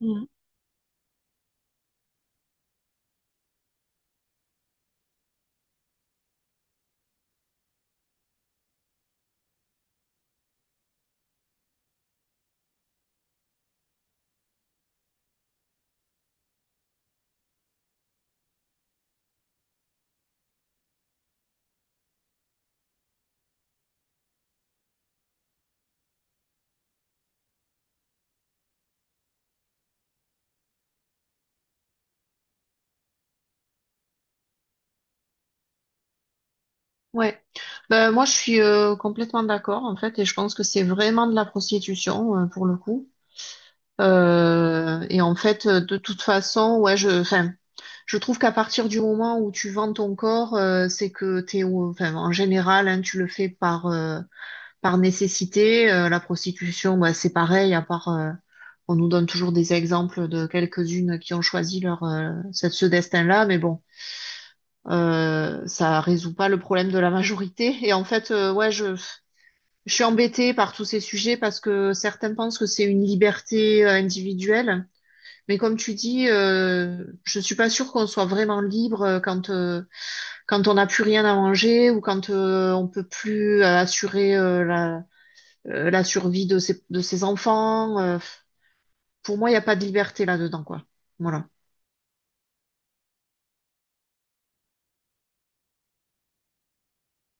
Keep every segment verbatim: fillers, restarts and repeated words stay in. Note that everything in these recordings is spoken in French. Mm. Ouais, ben, moi je suis euh, complètement d'accord en fait et je pense que c'est vraiment de la prostitution euh, pour le coup. Euh, et en fait euh, de toute façon ouais je enfin je trouve qu'à partir du moment où tu vends ton corps euh, c'est que t'es au- enfin en général hein, tu le fais par euh, par nécessité. Euh, la prostitution bah, c'est pareil à part euh, on nous donne toujours des exemples de quelques-unes qui ont choisi leur euh, ce ce destin-là mais bon. Euh, ça résout pas le problème de la majorité. Et en fait, euh, ouais, je, je suis embêtée par tous ces sujets parce que certains pensent que c'est une liberté euh, individuelle. Mais comme tu dis, euh, je suis pas sûre qu'on soit vraiment libre euh, quand euh, quand on n'a plus rien à manger ou quand euh, on peut plus euh, assurer euh, la euh, la survie de ses de ses enfants. Euh, pour moi, il n'y a pas de liberté là-dedans, quoi. Voilà.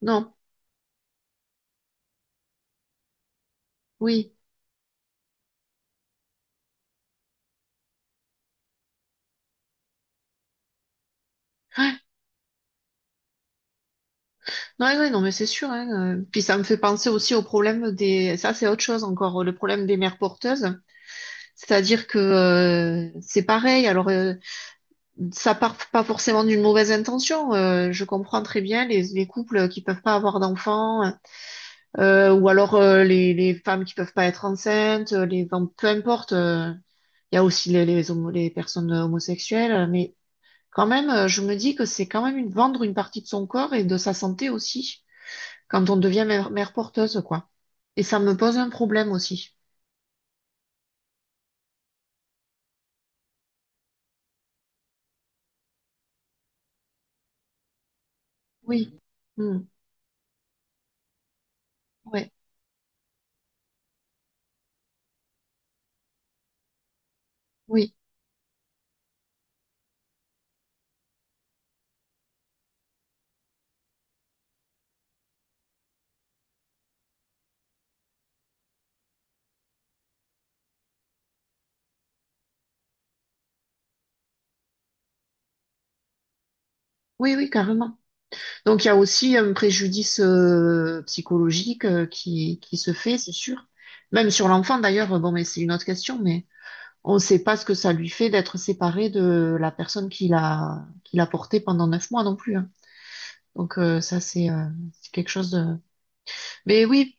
Non. Oui. Ah, ouais, ouais, non, mais c'est sûr, hein. euh. Puis ça me fait penser aussi au problème des, ça c'est autre chose encore, le problème des mères porteuses. C'est-à-dire que euh, c'est pareil. Alors euh, ça part pas forcément d'une mauvaise intention. Euh, je comprends très bien les, les couples qui peuvent pas avoir d'enfants, euh, ou alors euh, les, les femmes qui peuvent pas être enceintes, les, enfin, peu importe. euh, Il y a aussi les, les, homo- les personnes homosexuelles, mais quand même, euh, je me dis que c'est quand même une, vendre une partie de son corps et de sa santé aussi quand on devient mère, mère porteuse, quoi. Et ça me pose un problème aussi. Oui. Mm. Ouais. Oui. Oui, oui, carrément. Donc, il y a aussi un préjudice euh, psychologique euh, qui, qui se fait, c'est sûr. Même sur l'enfant, d'ailleurs, bon, mais c'est une autre question, mais on ne sait pas ce que ça lui fait d'être séparé de la personne qui l'a qui l'a porté pendant neuf mois non plus, hein. Donc, euh, ça, c'est euh, c'est quelque chose de... Mais oui,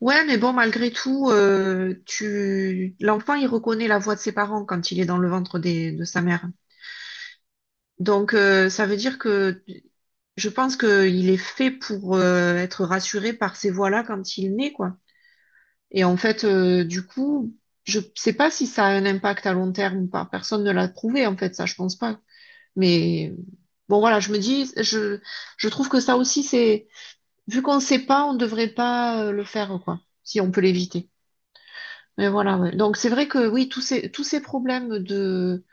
ouais, mais bon, malgré tout, euh, tu... l'enfant, il reconnaît la voix de ses parents quand il est dans le ventre des- de sa mère. Donc, euh, ça veut dire que je pense qu'il est fait pour euh, être rassuré par ces voix-là quand il naît, quoi. Et en fait, euh, du coup, je sais pas si ça a un impact à long terme ou pas. Personne ne l'a prouvé, en fait, ça, je pense pas. Mais bon, voilà, je me dis, je, je trouve que ça aussi, c'est, vu qu'on sait pas, on devrait pas euh, le faire, quoi, si on peut l'éviter. Mais voilà, ouais. Donc, c'est vrai que oui, tous ces, tous ces problèmes de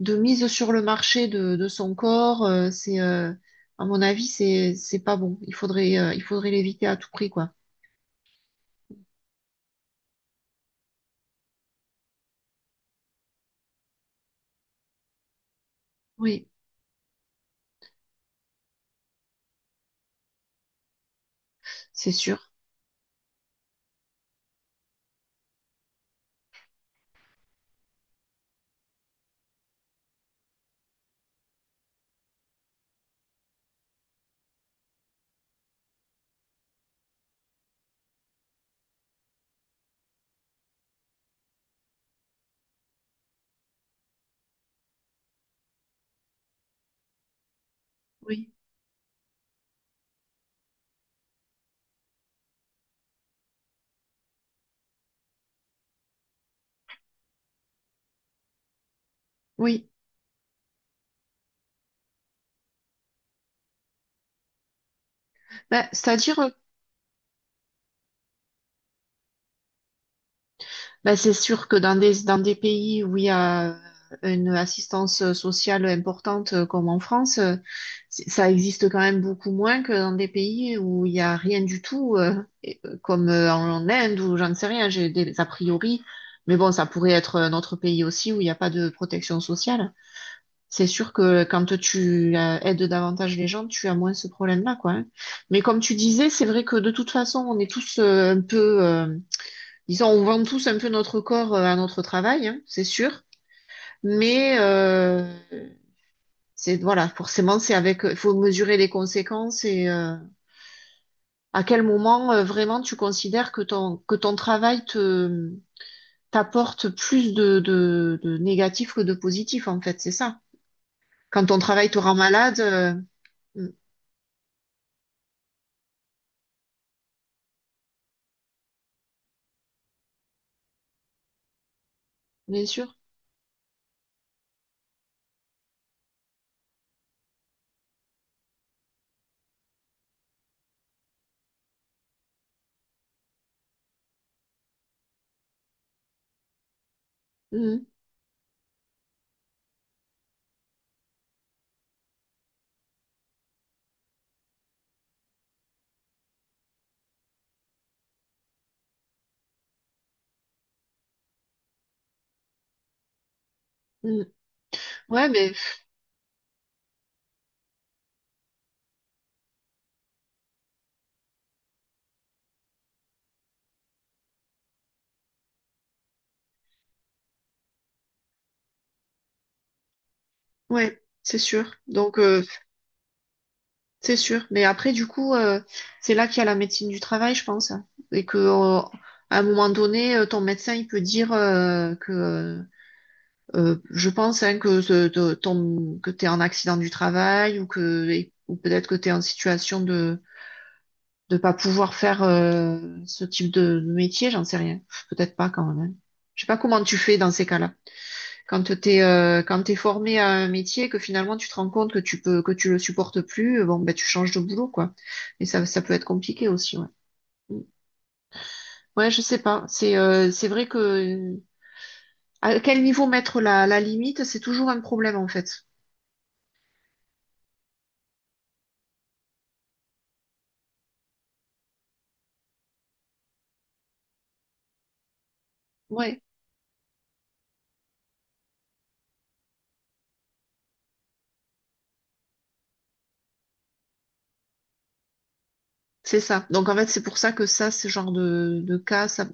de mise sur le marché de, de son corps, euh, c'est, euh, à mon avis, c'est, c'est pas bon. Il faudrait, euh, il faudrait l'éviter à tout prix, quoi. Oui, c'est sûr. Oui, oui. Bah, c'est-à-dire ben, c'est sûr que dans des, dans des pays où il y a une assistance sociale importante euh, comme en France, euh, c'est- ça existe quand même beaucoup moins que dans des pays où il y a rien du tout, euh, et- euh, comme euh, en Inde ou j'en sais rien, j'ai des a priori. Mais bon, ça pourrait être un autre pays aussi où il n'y a pas de protection sociale. C'est sûr que quand tu euh, aides davantage les gens, tu as moins ce problème-là, quoi, hein. Mais comme tu disais, c'est vrai que de toute façon, on est tous euh, un peu... euh, disons, on vend tous un peu notre corps euh, à notre travail, hein, c'est sûr. Mais euh, c'est voilà, forcément, c'est avec. Il faut mesurer les conséquences et euh, à quel moment euh, vraiment tu considères que ton que ton travail te t'apporte plus de de, de négatif que de positif en fait, c'est ça. Quand ton travail te rend malade, euh, mm, bien sûr. Mm, mm. Ouais, mais ouais, c'est sûr. Donc euh, C'est sûr. Mais après, du coup, euh, c'est là qu'il y a la médecine du travail, je pense. Et que, euh, à un moment donné, euh, ton médecin, il peut dire euh, que, euh, euh, je pense, hein, que, ce- de- ton, que tu es en accident du travail ou que, et- ou peut-être que tu es en situation de de pas pouvoir faire euh, ce type de de métier, j'en sais rien. Peut-être pas quand même, hein. Je sais pas comment tu fais dans ces cas-là. Quand t'es euh, quand t'es formé à un métier, que finalement tu te rends compte que tu peux que tu le supportes plus, euh, bon ben tu changes de boulot quoi. Mais ça ça peut être compliqué aussi. Ouais, mm, ouais je sais pas. C'est euh, c'est vrai que euh, à quel niveau mettre la la limite, c'est toujours un problème en fait. Ouais, c'est ça. Donc en fait c'est pour ça que ça ce genre de de cas, ça,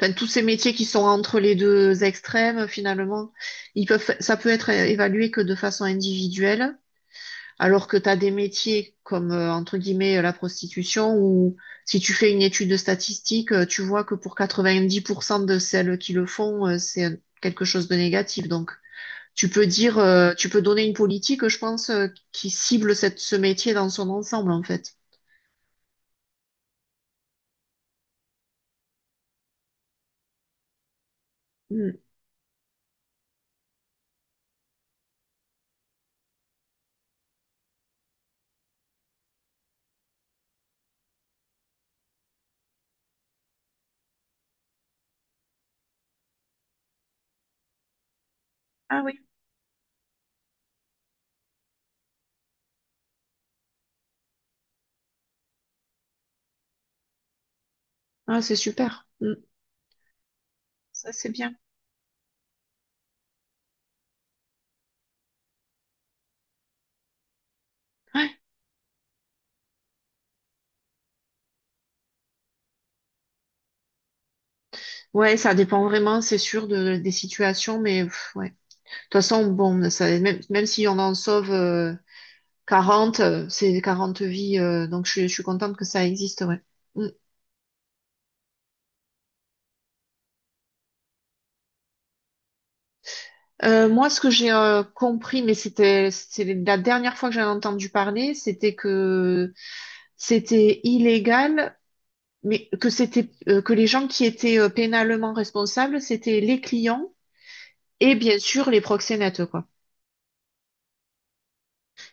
enfin tous ces métiers qui sont entre les deux extrêmes finalement, ils peuvent ça peut être évalué que de façon individuelle. Alors que tu as des métiers comme, euh, entre guillemets, la prostitution, où si tu fais une étude de statistique, euh, tu vois que pour quatre-vingt-dix pour cent de celles qui le font, euh, c'est quelque chose de négatif. Donc, tu peux dire, euh, tu peux donner une politique, je pense, euh, qui cible cette, ce métier dans son ensemble, en fait. Mm. Ah oui, ah, c'est super. Mm. Ça, c'est bien. Ouais. Ouais, ça dépend vraiment, c'est sûr, de, des situations, mais pff, ouais. De toute façon, bon, ça, même, même si on en sauve... euh, quarante, euh, c'est quarante vies, euh, donc je, suis je suis contente que ça existe, ouais. Mm. Euh, moi, ce que j'ai euh, compris, mais c'était c'est la dernière fois que j'en ai entendu parler, c'était que c'était illégal, mais que c'était euh, que les gens qui étaient euh, pénalement responsables, c'était les clients et bien sûr les proxénètes, quoi.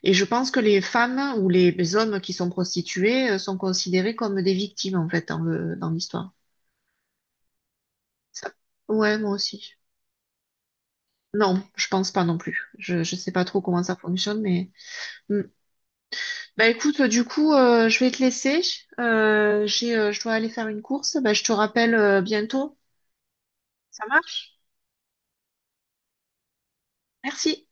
Et je pense que les femmes ou les, les hommes qui sont prostitués euh, sont considérés comme des victimes en fait dans le dans l'histoire. Ça- Ouais, moi aussi. Non, je pense pas non plus. Je, je sais pas trop comment ça fonctionne, mais hmm. Bah écoute, euh, du coup, euh, je vais te laisser. Euh, j'ai, euh, je dois aller faire une course. Bah, je te rappelle euh, bientôt. Ça marche? Merci.